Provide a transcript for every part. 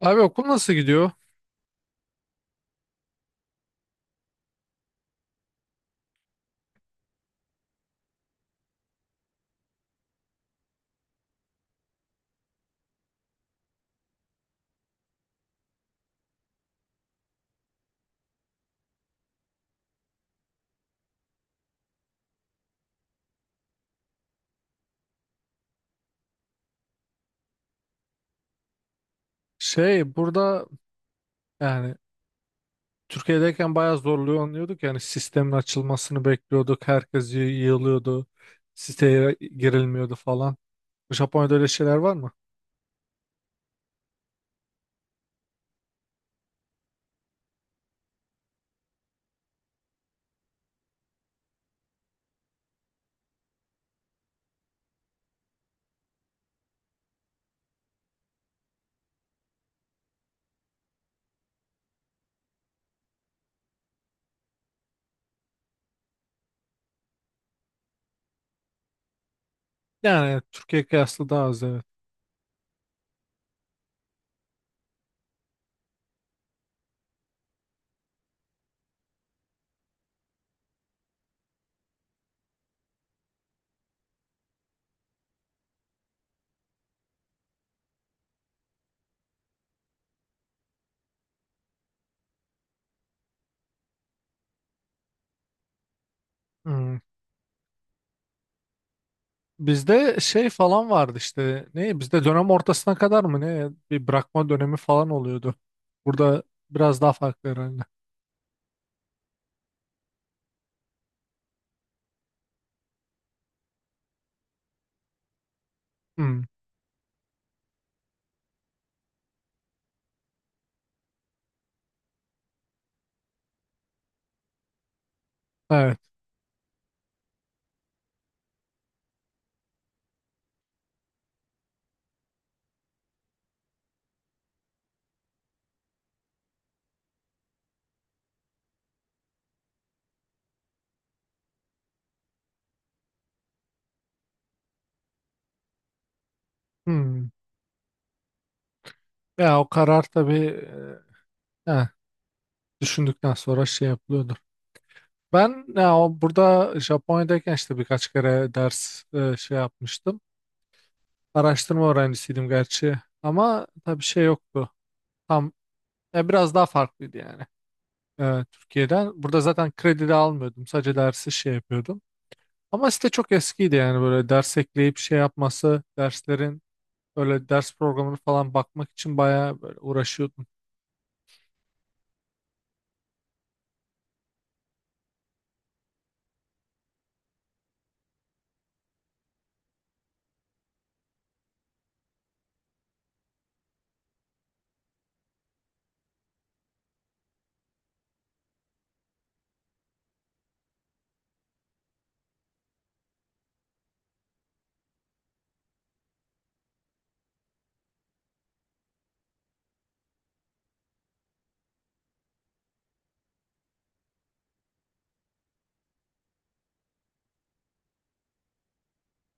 Abi okul nasıl gidiyor? Şey, burada yani Türkiye'deyken bayağı zorlanıyorduk. Yani sistemin açılmasını bekliyorduk. Herkes yığılıyordu. Siteye girilmiyordu falan. Japonya'da öyle şeyler var mı? Yani Türkiye kıyaslı daha az, evet. Hmm. Bizde şey falan vardı işte. Ne? Bizde dönem ortasına kadar mı ne? Bir bırakma dönemi falan oluyordu. Burada biraz daha farklı herhalde. Hmm. Evet. Hmm. Ya o karar tabii e, eh, düşündükten sonra şey yapılıyordu. Ben ya, burada Japonya'dayken işte birkaç kere ders şey yapmıştım. Araştırma öğrencisiydim gerçi ama tabii şey yoktu. Tam ya biraz daha farklıydı yani Türkiye'den. Burada zaten kredi de almıyordum. Sadece dersi şey yapıyordum. Ama site çok eskiydi yani böyle ders ekleyip şey yapması, derslerin öyle ders programını falan bakmak için bayağı böyle uğraşıyordum.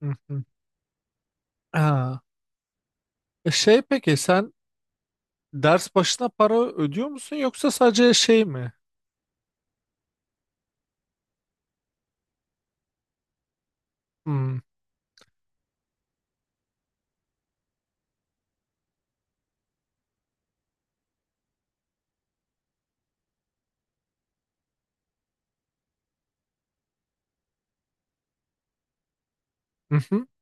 Hı hı. Ha. Şey, peki sen ders başına para ödüyor musun yoksa sadece şey mi? Hmm.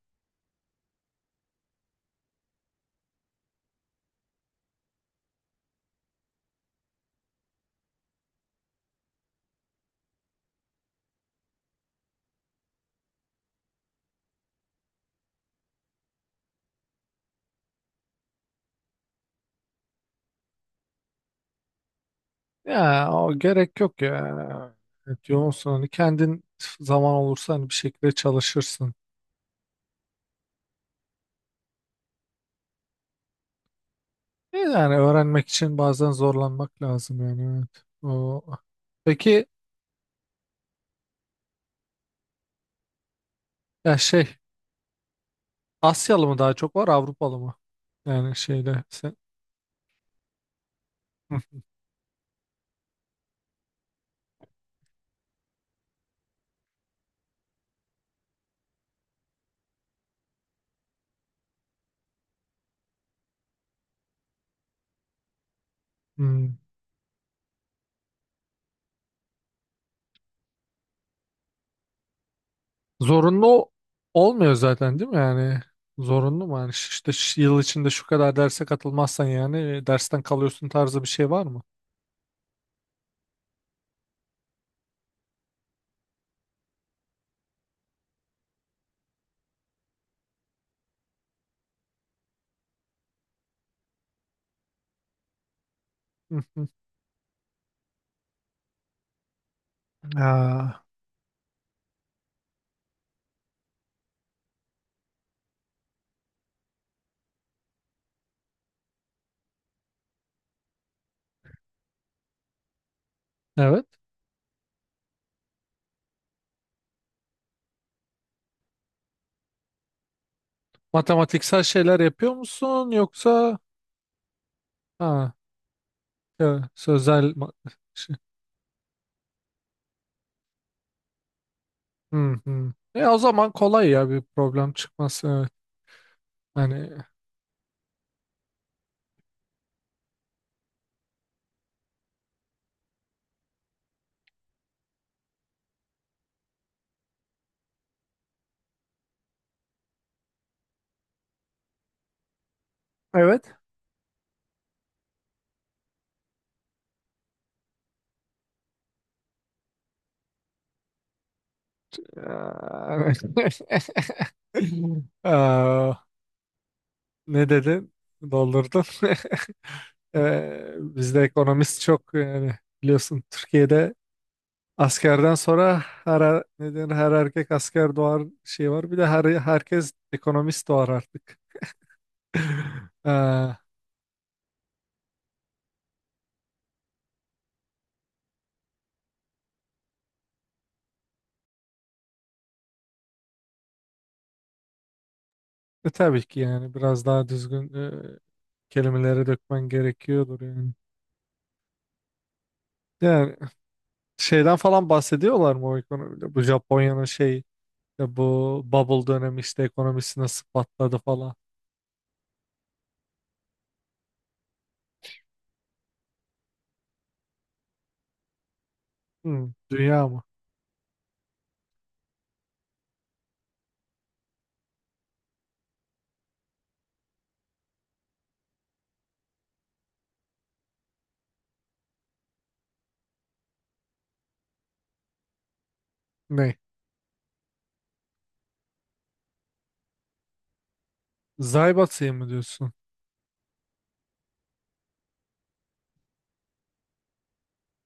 Ya o gerek yok ya. Evet, yoğunsun hani kendin zaman olursa hani bir şekilde çalışırsın. Yani öğrenmek için bazen zorlanmak lazım yani, evet. O. Peki ya şey, Asyalı mı daha çok var, Avrupalı mı? Yani şeyde sen. Hı, hmm. Zorunlu olmuyor zaten değil mi yani? Zorunlu mu yani? İşte yıl içinde şu kadar derse katılmazsan yani dersten kalıyorsun tarzı bir şey var mı? Hı, hı. Aa, evet. Matematiksel şeyler yapıyor musun yoksa ha, ya, şey. Hı hı. O zaman kolay ya bir problem çıkması. Evet. Hani, evet. Aa, ne dedin? Doldurdun. Bizde ekonomist çok yani biliyorsun Türkiye'de askerden sonra her ne denir, her erkek asker doğar şey var. Bir de herkes ekonomist doğar artık. Ee, tabii ki yani biraz daha düzgün kelimelere dökmen gerekiyordur yani. Yani şeyden falan bahsediyorlar mı o ekonomide? Bu Japonya'nın şey bu bubble dönemi işte ekonomisi nasıl patladı falan. Hmm, dünya mı? Ne? Zaybatı'yı mı diyorsun?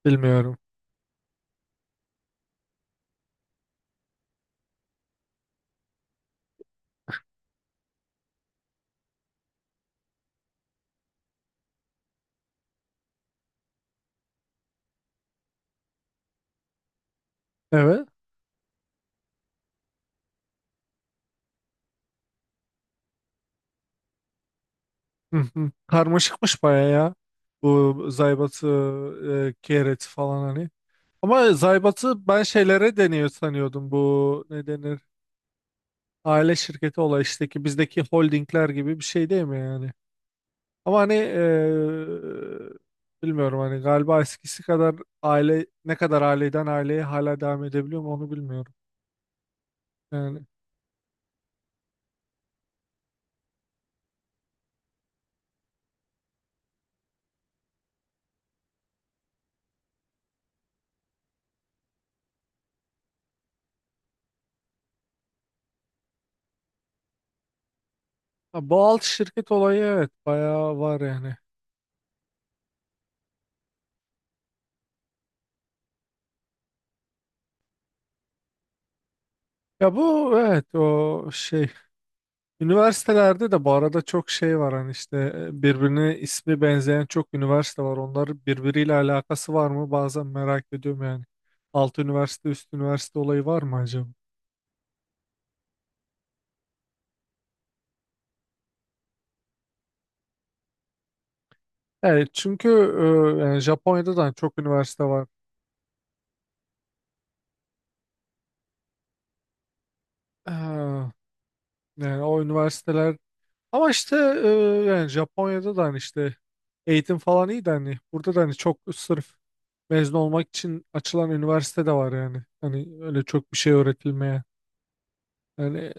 Bilmiyorum. Evet. Hı hı. Karmaşıkmış baya ya. Bu Zaybatı, kereti falan hani. Ama Zaybatı ben şeylere deniyor sanıyordum. Bu ne denir? Aile şirketi olay işte ki bizdeki holdingler gibi bir şey değil mi yani? Ama hani bilmiyorum hani galiba eskisi kadar aile ne kadar aileden aileye hala devam edebiliyor mu, onu bilmiyorum. Yani ha, bu alt şirket olayı, evet, bayağı var yani. Ya bu, evet, o şey üniversitelerde de bu arada çok şey var hani işte birbirine ismi benzeyen çok üniversite var. Onlar birbiriyle alakası var mı? Bazen merak ediyorum yani. Alt üniversite üst üniversite olayı var mı acaba? Evet, çünkü yani Japonya'da da hani çok üniversite var. Ee, yani o üniversiteler ama işte e, yani Japonya'da da hani işte eğitim falan iyi de hani burada da hani çok sırf mezun olmak için açılan üniversite de var yani. Hani öyle çok bir şey öğretilmeye. Yani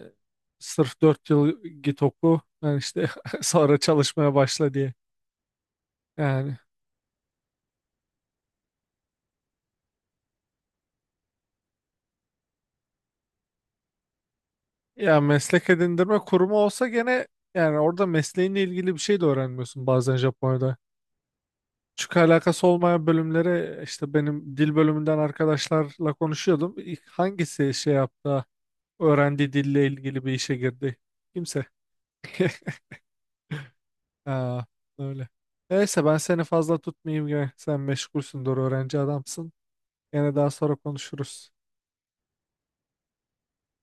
sırf 4 yıl git oku yani işte sonra çalışmaya başla diye. Yani ya meslek edindirme kurumu olsa gene yani orada mesleğinle ilgili bir şey de öğrenmiyorsun bazen Japonya'da. Küçük alakası olmayan bölümlere işte benim dil bölümünden arkadaşlarla konuşuyordum. İlk hangisi şey yaptı? Öğrendiği dille ilgili bir işe girdi. Kimse. Aa, öyle. Neyse, ben seni fazla tutmayayım ya. Sen meşgulsündür, öğrenci adamsın. Yine daha sonra konuşuruz.